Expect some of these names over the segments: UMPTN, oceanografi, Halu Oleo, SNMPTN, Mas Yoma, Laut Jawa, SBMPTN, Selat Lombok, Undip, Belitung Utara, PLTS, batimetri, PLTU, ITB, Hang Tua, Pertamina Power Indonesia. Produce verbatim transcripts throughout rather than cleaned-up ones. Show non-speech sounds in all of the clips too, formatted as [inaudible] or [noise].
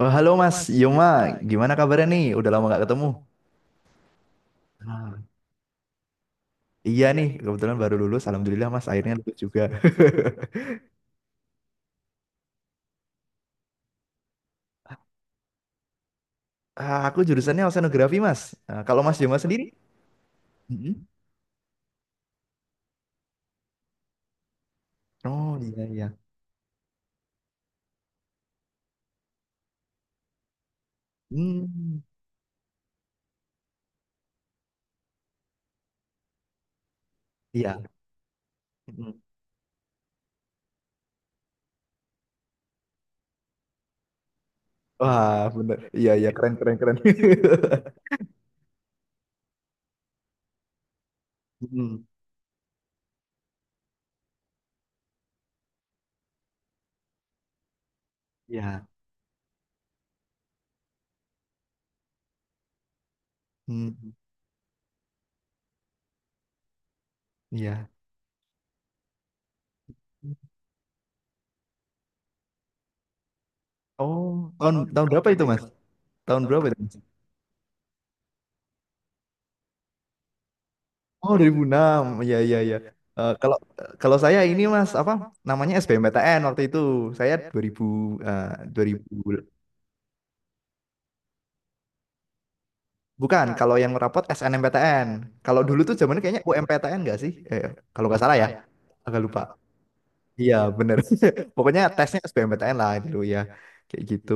Oh, halo Mas Yoma, gimana kabarnya nih? Udah lama nggak ketemu. Ah, iya nih, kebetulan baru lulus. Alhamdulillah Mas, akhirnya lulus juga. [laughs] Ah, aku jurusannya oceanografi Mas. Ah, kalau Mas Yoma sendiri? Mm-mm. Oh, iya, iya. Hmm, iya. Mm-mm. Wah, bener. Iya, iya, keren, keren, keren. [laughs] Mm, iya. Mm, iya. Oh, tahun tahun berapa itu Mas? Tahun berapa itu? Oh, dua ribu enam, ya, ya, ya. Eh, kalau kalau saya ini Mas apa namanya SBMPTN waktu itu saya dua ribu, eh, dua ribu. Bukan, kalau yang rapot SNMPTN. Kalau dulu tuh zamannya kayaknya U M P T N nggak sih? Eh, kalau nggak salah ya. Agak lupa. Iya, bener. [laughs] Pokoknya tesnya SBMPTN lah dulu ya, kayak gitu.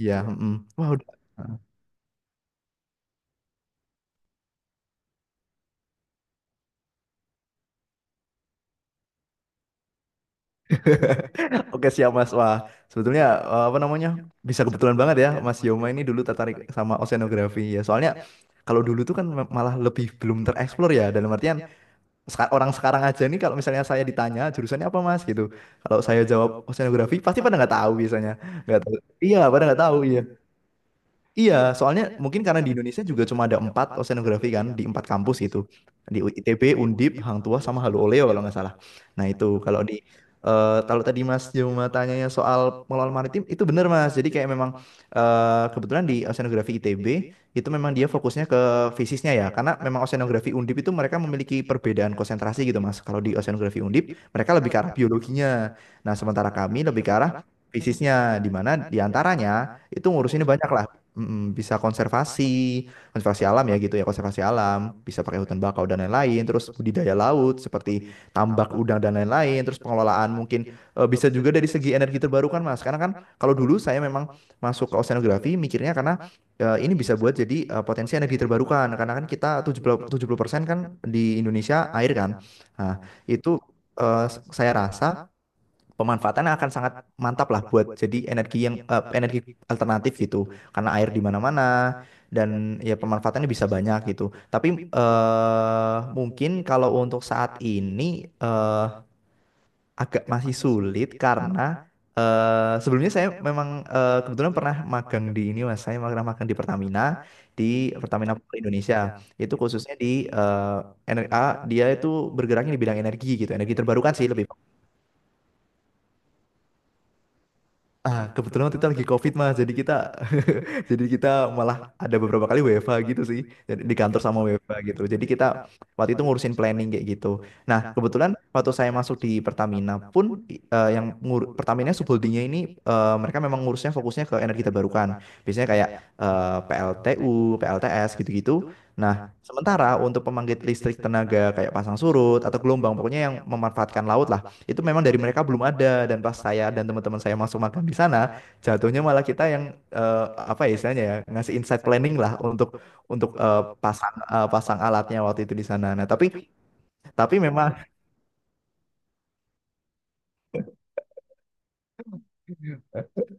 Iya. Mm. Wah, udah. Oke, siap Mas. Wah, sebetulnya eh, apa namanya? Bisa kebetulan banget ya Mas Yoma ini dulu tertarik sama oceanografi ya. Soalnya kalau dulu tuh kan me- malah lebih belum tereksplor ya dalam artian seka- orang sekarang aja nih kalau misalnya saya ditanya jurusannya apa Mas gitu. Kalau saya jawab oceanografi pasti pada nggak tahu biasanya. Nggak tahu. Iya, pada nggak tahu. Iya. Iya, soalnya mungkin karena di Indonesia juga cuma ada empat oceanografi kan di empat kampus gitu, di I T B, Undip, Hang Tua sama Halu Oleo kalau nggak salah. Nah, itu kalau di eh, kalau tadi Mas Joma tanyanya soal pengelolaan maritim itu benar Mas. Jadi kayak memang eh, kebetulan di oceanografi I T B itu memang dia fokusnya ke fisiknya ya, karena memang oceanografi Undip itu mereka memiliki perbedaan konsentrasi gitu Mas. Kalau di oceanografi Undip mereka lebih ke arah biologinya. Nah, sementara kami lebih ke arah fisiknya, di mana diantaranya antaranya itu ngurusinnya banyak lah. Mm, bisa konservasi, konservasi alam ya gitu ya, konservasi alam, bisa pakai hutan bakau dan lain-lain, terus budidaya laut seperti tambak udang dan lain-lain, terus pengelolaan mungkin eh, bisa juga dari segi energi terbarukan Mas. Karena kan kalau dulu saya memang masuk ke oceanografi mikirnya karena eh, ini bisa buat jadi eh, potensi energi terbarukan karena kan kita tujuh tujuh puluh tujuh puluh persen kan di Indonesia air kan. Nah, itu eh, saya rasa pemanfaatan akan sangat mantap lah buat jadi energi yang eh, energi alternatif gitu karena air di mana-mana dan ya pemanfaatannya bisa banyak gitu. Tapi eh, mungkin kalau untuk saat ini eh, agak masih sulit karena eh, sebelumnya saya memang eh, kebetulan pernah magang di ini mas, saya pernah magang di Pertamina, di Pertamina Power Indonesia. Itu khususnya di eh, ener- ah, dia itu bergeraknya di bidang energi gitu, energi terbarukan sih lebih. Ah, kebetulan waktu itu lagi COVID mas, jadi kita [laughs] jadi kita malah ada beberapa kali W F H gitu sih, jadi di kantor sama W F H gitu. Jadi kita waktu itu ngurusin planning kayak gitu. Nah, kebetulan waktu saya masuk di Pertamina pun eh, yang ngur, Pertamina subholdingnya ini eh, mereka memang ngurusnya fokusnya ke energi terbarukan. Biasanya kayak eh, P L T U, P L T S gitu-gitu. Nah, sementara untuk pembangkit listrik tenaga kayak pasang surut atau gelombang, pokoknya yang memanfaatkan laut lah, itu memang dari mereka belum ada. Dan pas saya dan teman-teman saya masuk magang di sana, jatuhnya malah kita yang eh, apa ya istilahnya ya ngasih insight planning lah untuk untuk eh, pasang eh, pasang alatnya waktu itu di sana. Nah, tapi tapi memang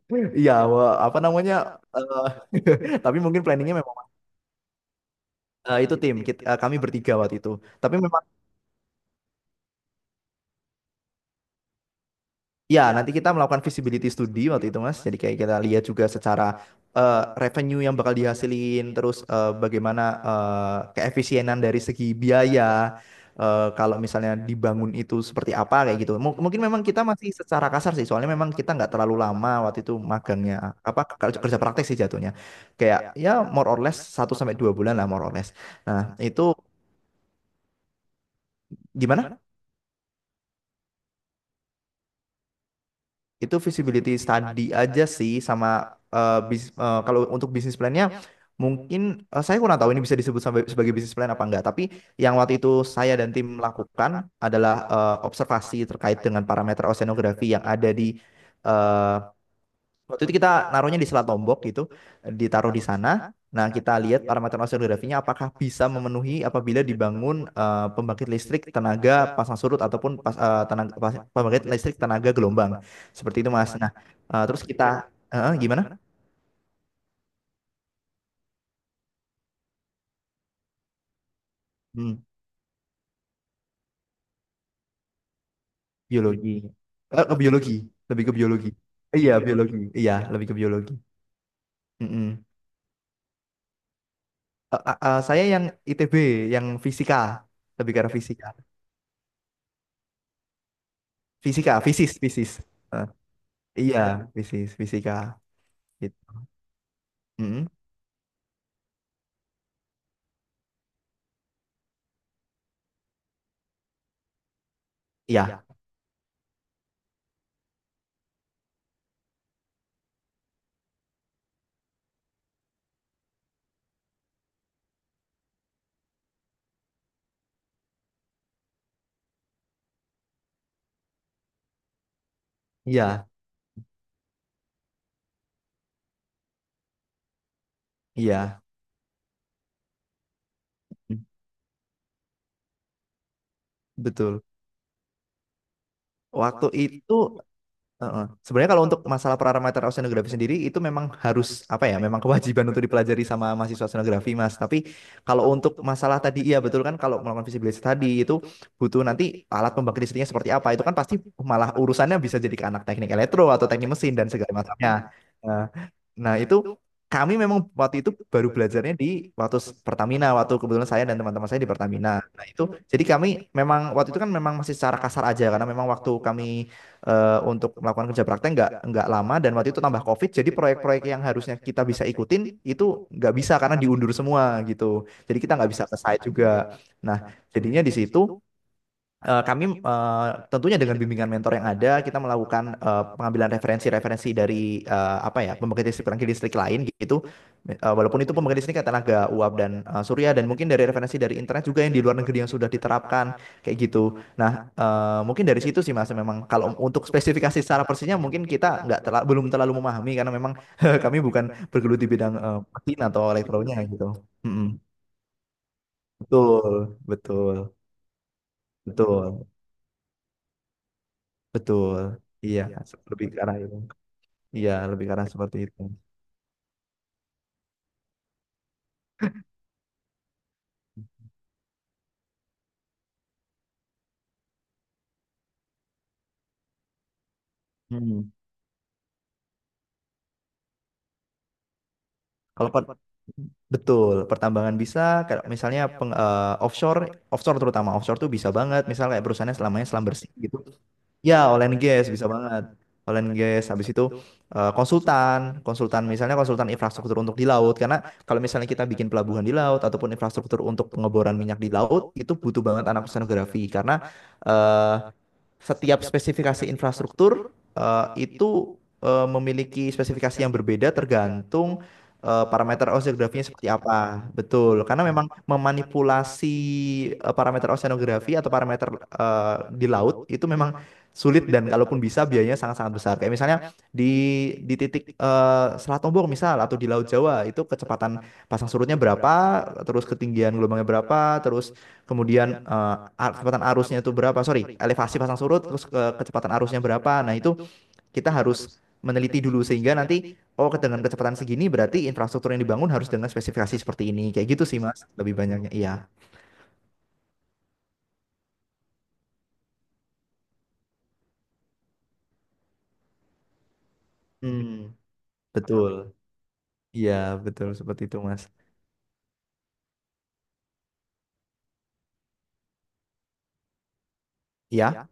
[laughs] ya wa- apa namanya eh, tapi mungkin planningnya memang eh, itu tim kita, eh, kami bertiga waktu itu. Tapi memang ya, nanti kita melakukan feasibility study waktu itu, Mas. Jadi kayak kita lihat juga secara eh, revenue yang bakal dihasilin, terus eh, bagaimana eh, keefisienan dari segi biaya. Eh, kalau misalnya dibangun itu seperti apa kayak gitu. Mung- mungkin memang kita masih secara kasar sih, soalnya memang kita nggak terlalu lama waktu itu magangnya apa kerja kerja praktek sih jatuhnya. Kayak ya more or less satu sampai dua bulan lah more or less. Nah, itu gimana? Itu visibility study aja sih sama eh, bis- eh, kalau untuk bisnis plannya mungkin eh, saya kurang tahu ini bisa disebut sampai- sebagai bisnis plan apa enggak. Tapi yang waktu itu saya dan tim lakukan adalah eh, observasi terkait dengan parameter oceanografi yang ada di eh, waktu itu kita naruhnya di Selat Lombok gitu, ditaruh di sana. Nah, kita lihat parameter oseanografinya apakah bisa memenuhi apabila dibangun eh, pembangkit listrik tenaga pasang surut ataupun pas, eh, tenaga, pas- pembangkit listrik tenaga gelombang. Seperti itu, Mas. Nah, eh, terus kita eh, gimana? Hmm, biologi. Eh, ke biologi, lebih ke biologi. Iya, biologi. Iya, lebih ke biologi. Mm-mm. Eh, eh, eh, saya yang I T B, yang fisika, lebih ke arah fisika. Fisika, fisis, fisis. Eh. Iya, fisis, fisika. Gitu. Mm-mm. Iya, iya, iya, mm, betul. Waktu itu heeh. Sebenarnya kalau untuk masalah parameter oceanografi sendiri itu memang harus apa ya? Memang kewajiban untuk dipelajari sama mahasiswa oceanografi, Mas. Tapi kalau untuk masalah tadi iya betul kan, kalau melakukan visibility tadi itu butuh nanti alat pembangkit listriknya seperti apa. Itu kan pasti malah urusannya bisa jadi ke anak teknik elektro atau teknik mesin dan segala macamnya. Nah, nah, itu kami memang waktu itu baru belajarnya di waktu s- Pertamina, waktu kebetulan saya dan teman-teman saya di Pertamina. Nah, itu jadi kami memang waktu itu kan memang masih secara kasar aja karena memang waktu kami eh, untuk melakukan kerja praktek nggak nggak lama dan waktu itu tambah COVID, jadi proyek-proyek yang harusnya kita bisa ikutin itu nggak bisa karena diundur semua gitu, jadi kita nggak bisa ke site juga. Nah, jadinya di situ, eh, kami eh, tentunya dengan bimbingan mentor yang ada, kita melakukan eh, pengambilan referensi-referensi dari eh, apa ya, pembangkit listrik pembangkit listrik lain gitu. Eh, walaupun itu pembangkit listrik tenaga uap dan eh, surya dan mungkin dari referensi dari internet juga yang di luar negeri yang sudah diterapkan kayak gitu. Nah, eh, mungkin dari situ sih Mas, memang kalau untuk spesifikasi secara persisnya mungkin kita nggak terla- belum terlalu memahami karena memang [laughs] kami bukan bergelut di bidang eh, mesin atau elektronya gitu. Mm-mm. Betul, betul, betul. Betul. Iya, iya, lebih seperti ke arah itu. Iya, lebih ke arah seperti itu. Hmm. Kalau Kalau per- betul, pertambangan bisa, kalau misalnya peng- eh, offshore, offshore terutama offshore tuh bisa banget. Misalnya kayak perusahaannya selamanya selam bersih gitu. Ya, all and gas bisa banget. All and gas habis itu eh, konsultan, konsultan misalnya konsultan infrastruktur untuk di laut karena kalau misalnya kita bikin pelabuhan di laut ataupun infrastruktur untuk pengeboran minyak di laut itu butuh banget anak oceanografi karena eh, setiap spesifikasi infrastruktur eh, itu eh, memiliki spesifikasi yang berbeda tergantung eh, parameter oceanografinya seperti apa. Betul, karena memang memanipulasi eh, parameter oceanografi atau parameter eh, di laut itu memang sulit dan kalaupun bisa biayanya sangat-sangat besar. Kayak misalnya di di titik eh, Selat Lombok misal atau di Laut Jawa itu kecepatan pasang surutnya berapa, terus ketinggian gelombangnya berapa, terus kemudian eh, kecepatan arusnya itu berapa, sorry, elevasi pasang surut, terus ke- kecepatan arusnya berapa. Nah, itu kita harus meneliti dulu sehingga nanti oh, dengan kecepatan segini berarti infrastruktur yang dibangun harus dengan spesifikasi seperti ini. Kayak gitu sih Mas, lebih banyaknya. Iya. Hmm, betul. Iya, betul seperti itu Mas. Iya.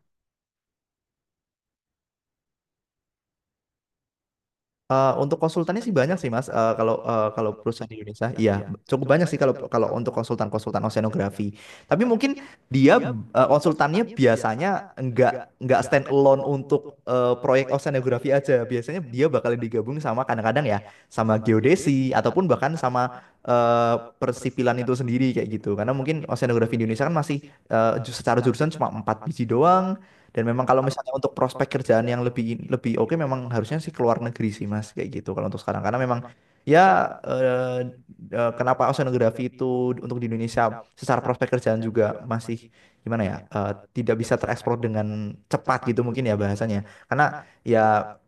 Eh, untuk konsultannya sih banyak sih Mas. Eh, kalau eh, kalau perusahaan di Indonesia, iya cukup banyak sih kalau kalau untuk konsultan-konsultan oceanografi. Tapi mungkin dia eh, konsultannya biasanya nggak nggak stand alone untuk eh, proyek oceanografi aja. Biasanya dia bakal digabung sama kadang-kadang ya sama geodesi ataupun bahkan sama eh, persipilan itu sendiri kayak gitu. Karena mungkin oceanografi di Indonesia kan masih eh, ju- secara jurusan cuma empat biji doang. Dan memang kalau misalnya untuk prospek kerjaan yang lebih lebih oke memang harusnya sih keluar negeri sih Mas kayak gitu kalau untuk sekarang karena memang ya eh, eh, kenapa oceanografi itu untuk di Indonesia secara prospek kerjaan juga masih gimana ya eh, tidak bisa tereksplor dengan cepat gitu mungkin ya bahasanya. Karena ya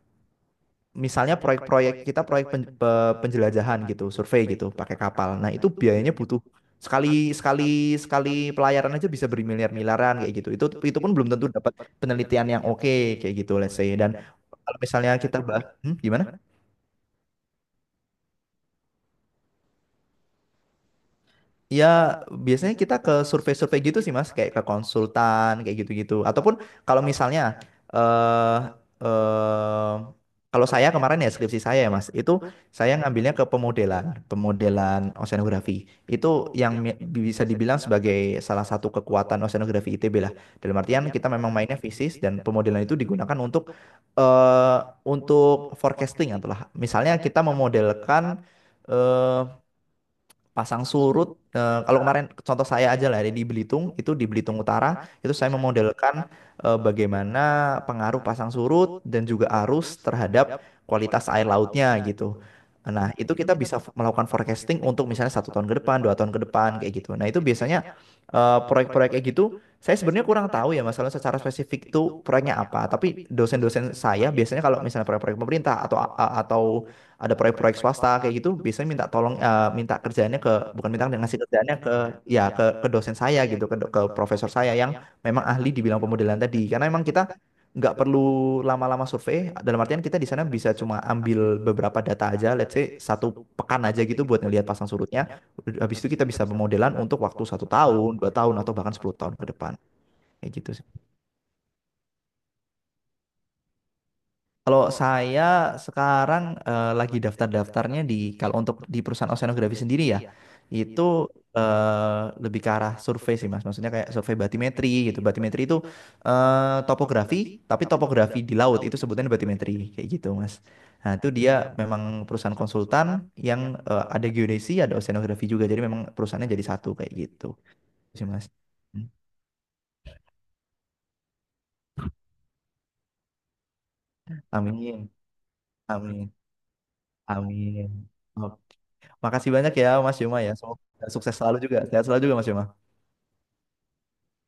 misalnya proyek-proyek kita proyek pen- pe- penjelajahan gitu, survei gitu, pakai kapal. Nah, itu biayanya butuh sekali sekali sekali pelayaran aja bisa bermiliar-miliaran kayak gitu. Itu itu pun belum tentu dapat penelitian yang oke kayak gitu, let's say. Dan kalau misalnya kita bahas, hmm, gimana? Ya, biasanya kita ke survei-survei gitu sih, Mas, kayak ke konsultan, kayak gitu-gitu. Ataupun kalau misalnya eh eh, kalau saya kemarin ya skripsi saya ya, Mas, itu saya ngambilnya ke pemodelan, pemodelan oceanografi. Itu yang mi- bisa dibilang sebagai salah satu kekuatan oceanografi I T B lah. Dalam artian kita memang mainnya fisis dan pemodelan itu digunakan untuk eh untuk forecasting itulah. Misalnya kita memodelkan eh, pasang surut. Eh, kalau kemarin contoh saya aja lah ya, di Belitung, itu di Belitung Utara, itu saya memodelkan eh, bagaimana pengaruh pasang surut dan juga arus terhadap kualitas air lautnya gitu. Nah, itu kita bisa f- melakukan forecasting untuk misalnya satu tahun ke depan, dua tahun ke depan, kayak gitu. Nah, itu biasanya eh, proyek-proyek kayak gitu saya sebenarnya kurang tahu ya masalah secara spesifik itu proyeknya apa. Tapi dosen-dosen saya biasanya kalau misalnya proyek-proyek pemerintah atau a- atau ada proyek-proyek swasta kayak gitu, biasanya minta tolong eh, minta kerjaannya ke, bukan, minta ngasih kerjaannya ke, ya ke ke dosen saya gitu, ke do- ke profesor saya yang memang ahli di bidang pemodelan tadi. Karena memang kita nggak perlu lama-lama survei. Dalam artian kita di sana bisa cuma ambil beberapa data aja, let's say satu pekan aja gitu buat ngelihat pasang surutnya, habis itu kita bisa pemodelan untuk waktu satu tahun, dua tahun, atau bahkan sepuluh tahun ke depan. Kayak gitu sih. Kalau saya sekarang eh, lagi daftar-daftarnya di, kalau untuk di perusahaan oceanografi sendiri ya, itu eh, lebih ke arah survei sih Mas. Maksudnya kayak survei batimetri gitu. Batimetri itu eh, topografi, tapi topografi di laut itu sebutannya batimetri kayak gitu Mas. Nah, itu dia memang perusahaan konsultan yang eh, ada geodesi, ada oceanografi juga. Jadi memang perusahaannya jadi satu kayak gitu sih Mas. Hmm. Amin, amin, amin. Oke. Makasih banyak ya Mas Yuma ya. Semoga sukses selalu juga. Sehat selalu juga Mas Yuma.